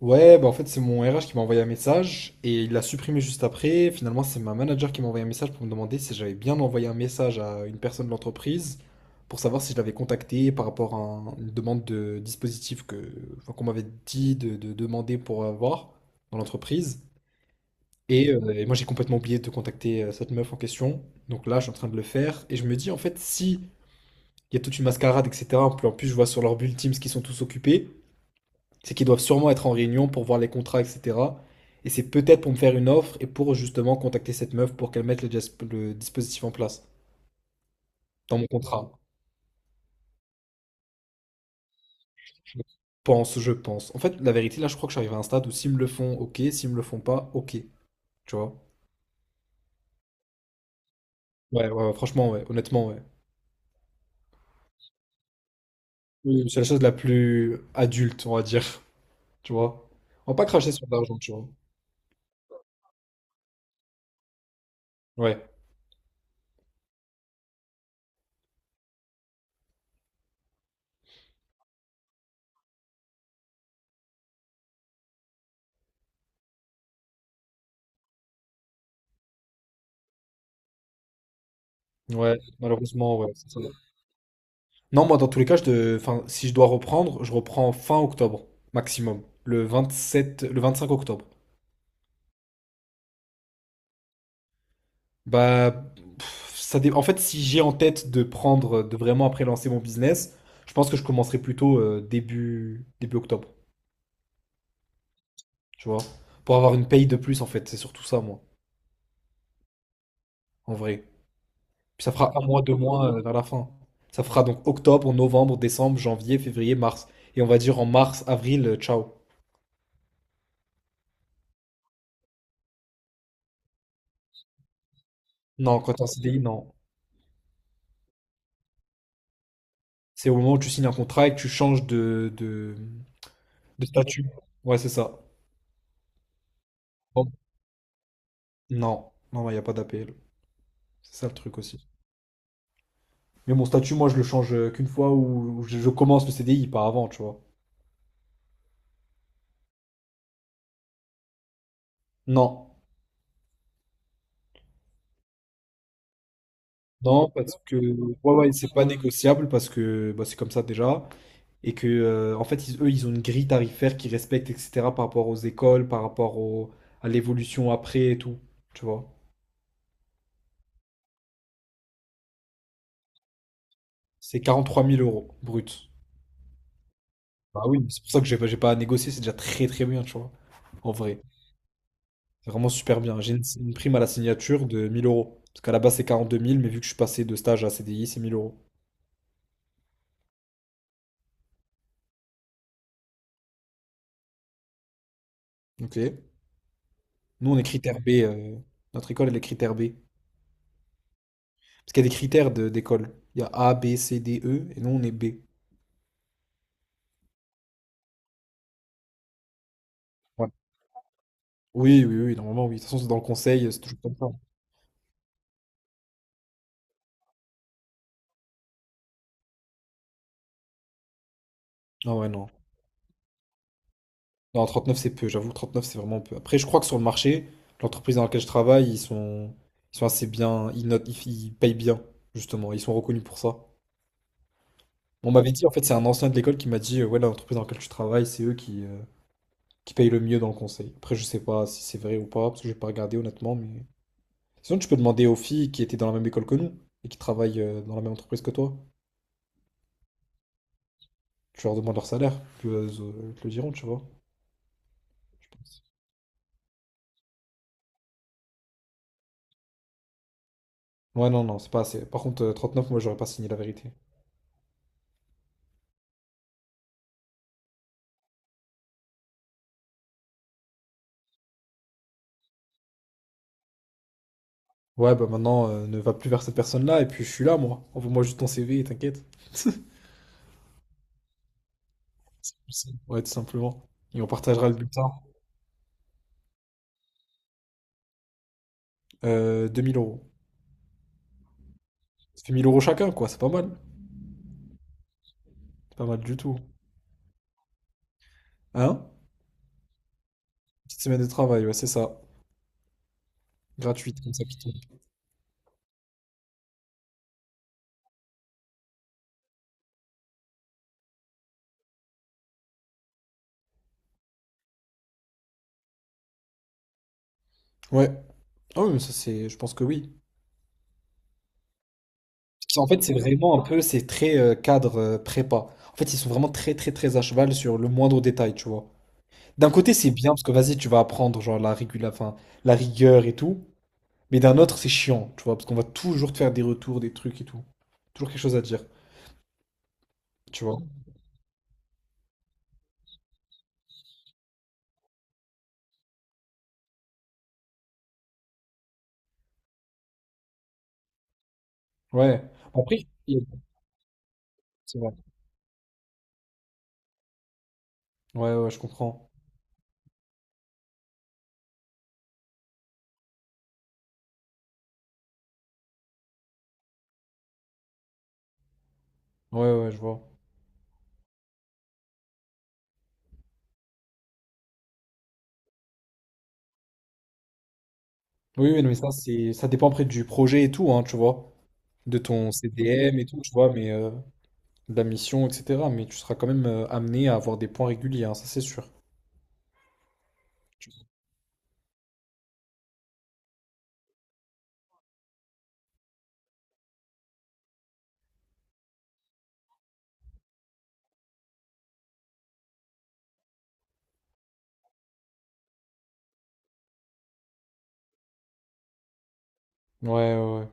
Ouais, bah en fait, c'est mon RH qui m'a envoyé un message et il l'a supprimé juste après. Finalement, c'est ma manager qui m'a envoyé un message pour me demander si j'avais bien envoyé un message à une personne de l'entreprise pour savoir si je l'avais contacté par rapport à une demande de dispositif que, enfin, qu'on m'avait dit de demander pour avoir dans l'entreprise. Et moi, j'ai complètement oublié de contacter cette meuf en question. Donc là, je suis en train de le faire et je me dis, en fait, si il y a toute une mascarade, etc., en plus, je vois sur leur bulle Teams qu'ils sont tous occupés. C'est qu'ils doivent sûrement être en réunion pour voir les contrats, etc. Et c'est peut-être pour me faire une offre et pour justement contacter cette meuf pour qu'elle mette le dispositif en place dans mon contrat. Je pense, je pense. En fait, la vérité, là, je crois que j'arrive à un stade où s'ils me le font, ok. S'ils me le font pas, ok. Tu vois? Ouais, ouais, ouais, franchement, ouais. Honnêtement, ouais. Oui, c'est la chose la plus adulte, on va dire. Tu vois? On va pas cracher sur de l'argent, tu vois. Ouais, ouais, malheureusement, ouais. C'est ça. Non, moi, dans tous les cas, enfin, si je dois reprendre, je reprends fin octobre, maximum. Le 27 le 25 octobre. Bah, en fait, si j'ai en tête de prendre, de vraiment après lancer mon business, je pense que je commencerai plutôt début octobre, tu vois. Pour avoir une paye de plus, en fait. C'est surtout ça, moi, en vrai. Puis ça fera un mois, 2 mois vers la fin. Ça fera donc octobre, novembre, décembre, janvier, février, mars. Et on va dire en mars, avril, ciao. Non, quand t'es en CDI, non. C'est au moment où tu signes un contrat et que tu changes de statut. Ouais, c'est ça. Bon. Non, non, il n'y a pas d'APL. C'est ça le truc aussi. Mais mon statut, moi, je le change qu'une fois où je commence le CDI, pas avant, tu vois. Non, non, parce que ouais, ouais, c'est pas négociable parce que bah, c'est comme ça déjà. Et que, en fait, eux, ils ont une grille tarifaire qu'ils respectent, etc., par rapport aux écoles, à l'évolution après et tout, tu vois. C'est 43 000 euros brut. Bah oui, c'est pour ça que j'ai pas à négocier, c'est déjà très très bien, tu vois. En vrai, c'est vraiment super bien. J'ai une prime à la signature de 1000 euros. Parce qu'à la base, c'est 42 000, mais vu que je suis passé de stage à CDI, c'est mille euros. Ok. Nous, on est critère B. Notre école, elle est critère B. Parce qu'il y a des critères d'école. Il y a A, B, C, D, E, et nous, on est B. Ouais. Oui, oui, oui, normalement, oui. De toute façon, c'est dans le conseil, c'est toujours comme ça. Ah ouais, non. Non, 39 c'est peu, j'avoue, 39 c'est vraiment peu. Après, je crois que sur le marché, l'entreprise dans laquelle je travaille, ils sont assez bien, ils notent, ils payent bien, justement, ils sont reconnus pour ça. On m'avait dit, en fait, c'est un ancien de l'école qui m'a dit, ouais, l'entreprise dans laquelle tu travailles, c'est eux qui payent le mieux dans le conseil. Après, je sais pas si c'est vrai ou pas, parce que j'ai pas regardé honnêtement, mais. Sinon, tu peux demander aux filles qui étaient dans la même école que nous et qui travaillent dans la même entreprise que toi. Tu leur demandes leur salaire, puis elles te le diront, tu vois. Ouais, non, non, c'est pas assez. Par contre, 39, moi, j'aurais pas signé la vérité. Ouais, bah maintenant, ne va plus vers cette personne-là, et puis je suis là, moi. Envoie-moi juste ton CV, et t'inquiète. Je sais. Ouais, tout simplement. Et on partagera le bulletin. 2000 euros. Ça fait 1 000 € chacun, quoi, c'est pas mal. C'est pas mal du tout. Hein? Petite semaine de travail, ouais, c'est ça. Gratuite, comme ça, qui tombe. Ouais. Ah oui, mais ça, c'est... Je pense que oui. Parce qu'en fait, c'est vraiment un peu, c'est très cadre prépa. En fait, ils sont vraiment très, très, très à cheval sur le moindre détail, tu vois. D'un côté, c'est bien, parce que vas-y, tu vas apprendre, genre, enfin, la rigueur et tout. Mais d'un autre, c'est chiant, tu vois, parce qu'on va toujours te faire des retours, des trucs et tout. Toujours quelque chose à dire, tu vois. Ouais. Bon, après, il y a- c'est vrai. Ouais, ouais, je comprends. Ouais, ouais, je vois. Oui, oui, non, mais ça, c'est, ça dépend après du projet et tout, hein, tu vois. De ton CDM et tout, tu vois, mais de la mission, etc. Mais tu seras quand même amené à avoir des points réguliers, hein, ça, c'est sûr. Ouais, ouais, ouais.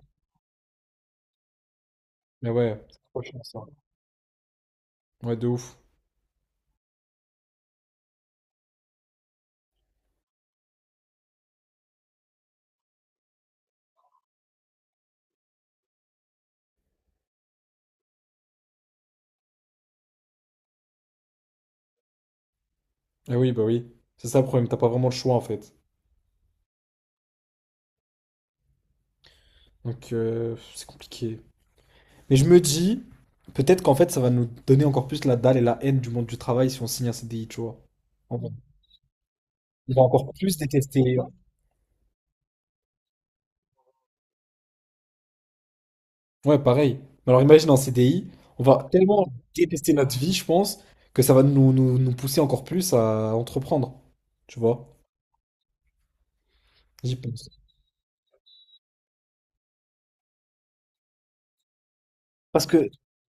Mais ouais, c'est trop chiant, ça. Ouais, de ouf. Ah oui, bah oui. C'est ça le problème, t'as pas vraiment le choix, en fait. Donc, c'est compliqué. Mais je me dis, peut-être qu'en fait, ça va nous donner encore plus la dalle et la haine du monde du travail si on signe un CDI, tu vois. On va on va encore plus détester. Ouais, pareil. Mais alors imagine en CDI, on va tellement détester notre vie, je pense, que ça va nous, pousser encore plus à entreprendre, tu vois. J'y pense. Parce que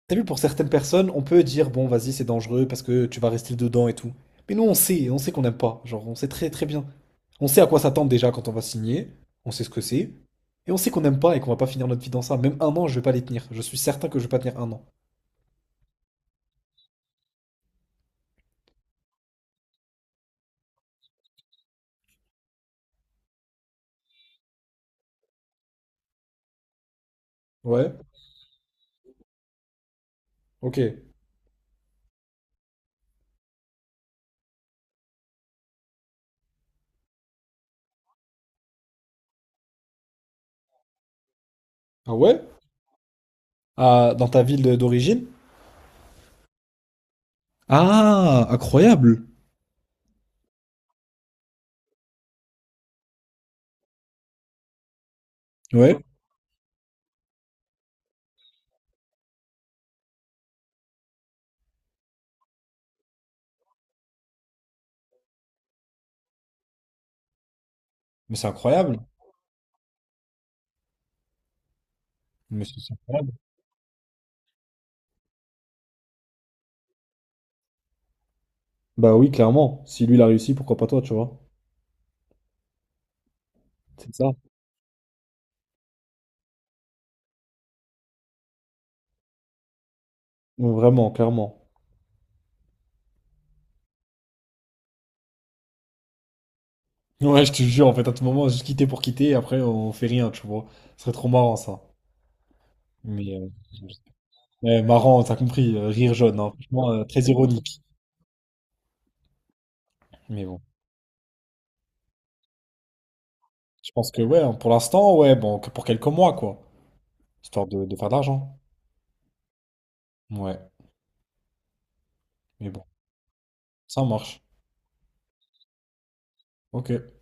t'as vu, pour certaines personnes, on peut dire, bon, vas-y, c'est dangereux parce que tu vas rester dedans et tout. Mais nous, on sait qu'on n'aime pas. Genre, on sait très très bien. On sait à quoi s'attendre déjà quand on va signer. On sait ce que c'est. Et on sait qu'on n'aime pas et qu'on va pas finir notre vie dans ça. Même un an, je vais pas les tenir. Je suis certain que je vais pas tenir un an. Ouais, ok. Ah ouais? Ah, dans ta ville d'origine? Ah, incroyable. Ouais. Mais c'est incroyable. Mais c'est incroyable. Bah oui, clairement. Si lui, il a réussi, pourquoi pas toi, tu vois? C'est ça. Vraiment, clairement. Ouais, je te jure, en fait, à tout moment, juste quitter pour quitter, et après, on fait rien, tu vois. Ce serait trop marrant, ça. Mais ouais, marrant, t'as compris, rire jaune, hein. Franchement, très ironique. Mais bon, je pense que, ouais, hein, pour l'instant, ouais, bon, que pour quelques mois, quoi. Histoire de faire de l'argent. Ouais, mais bon, ça marche. Ok.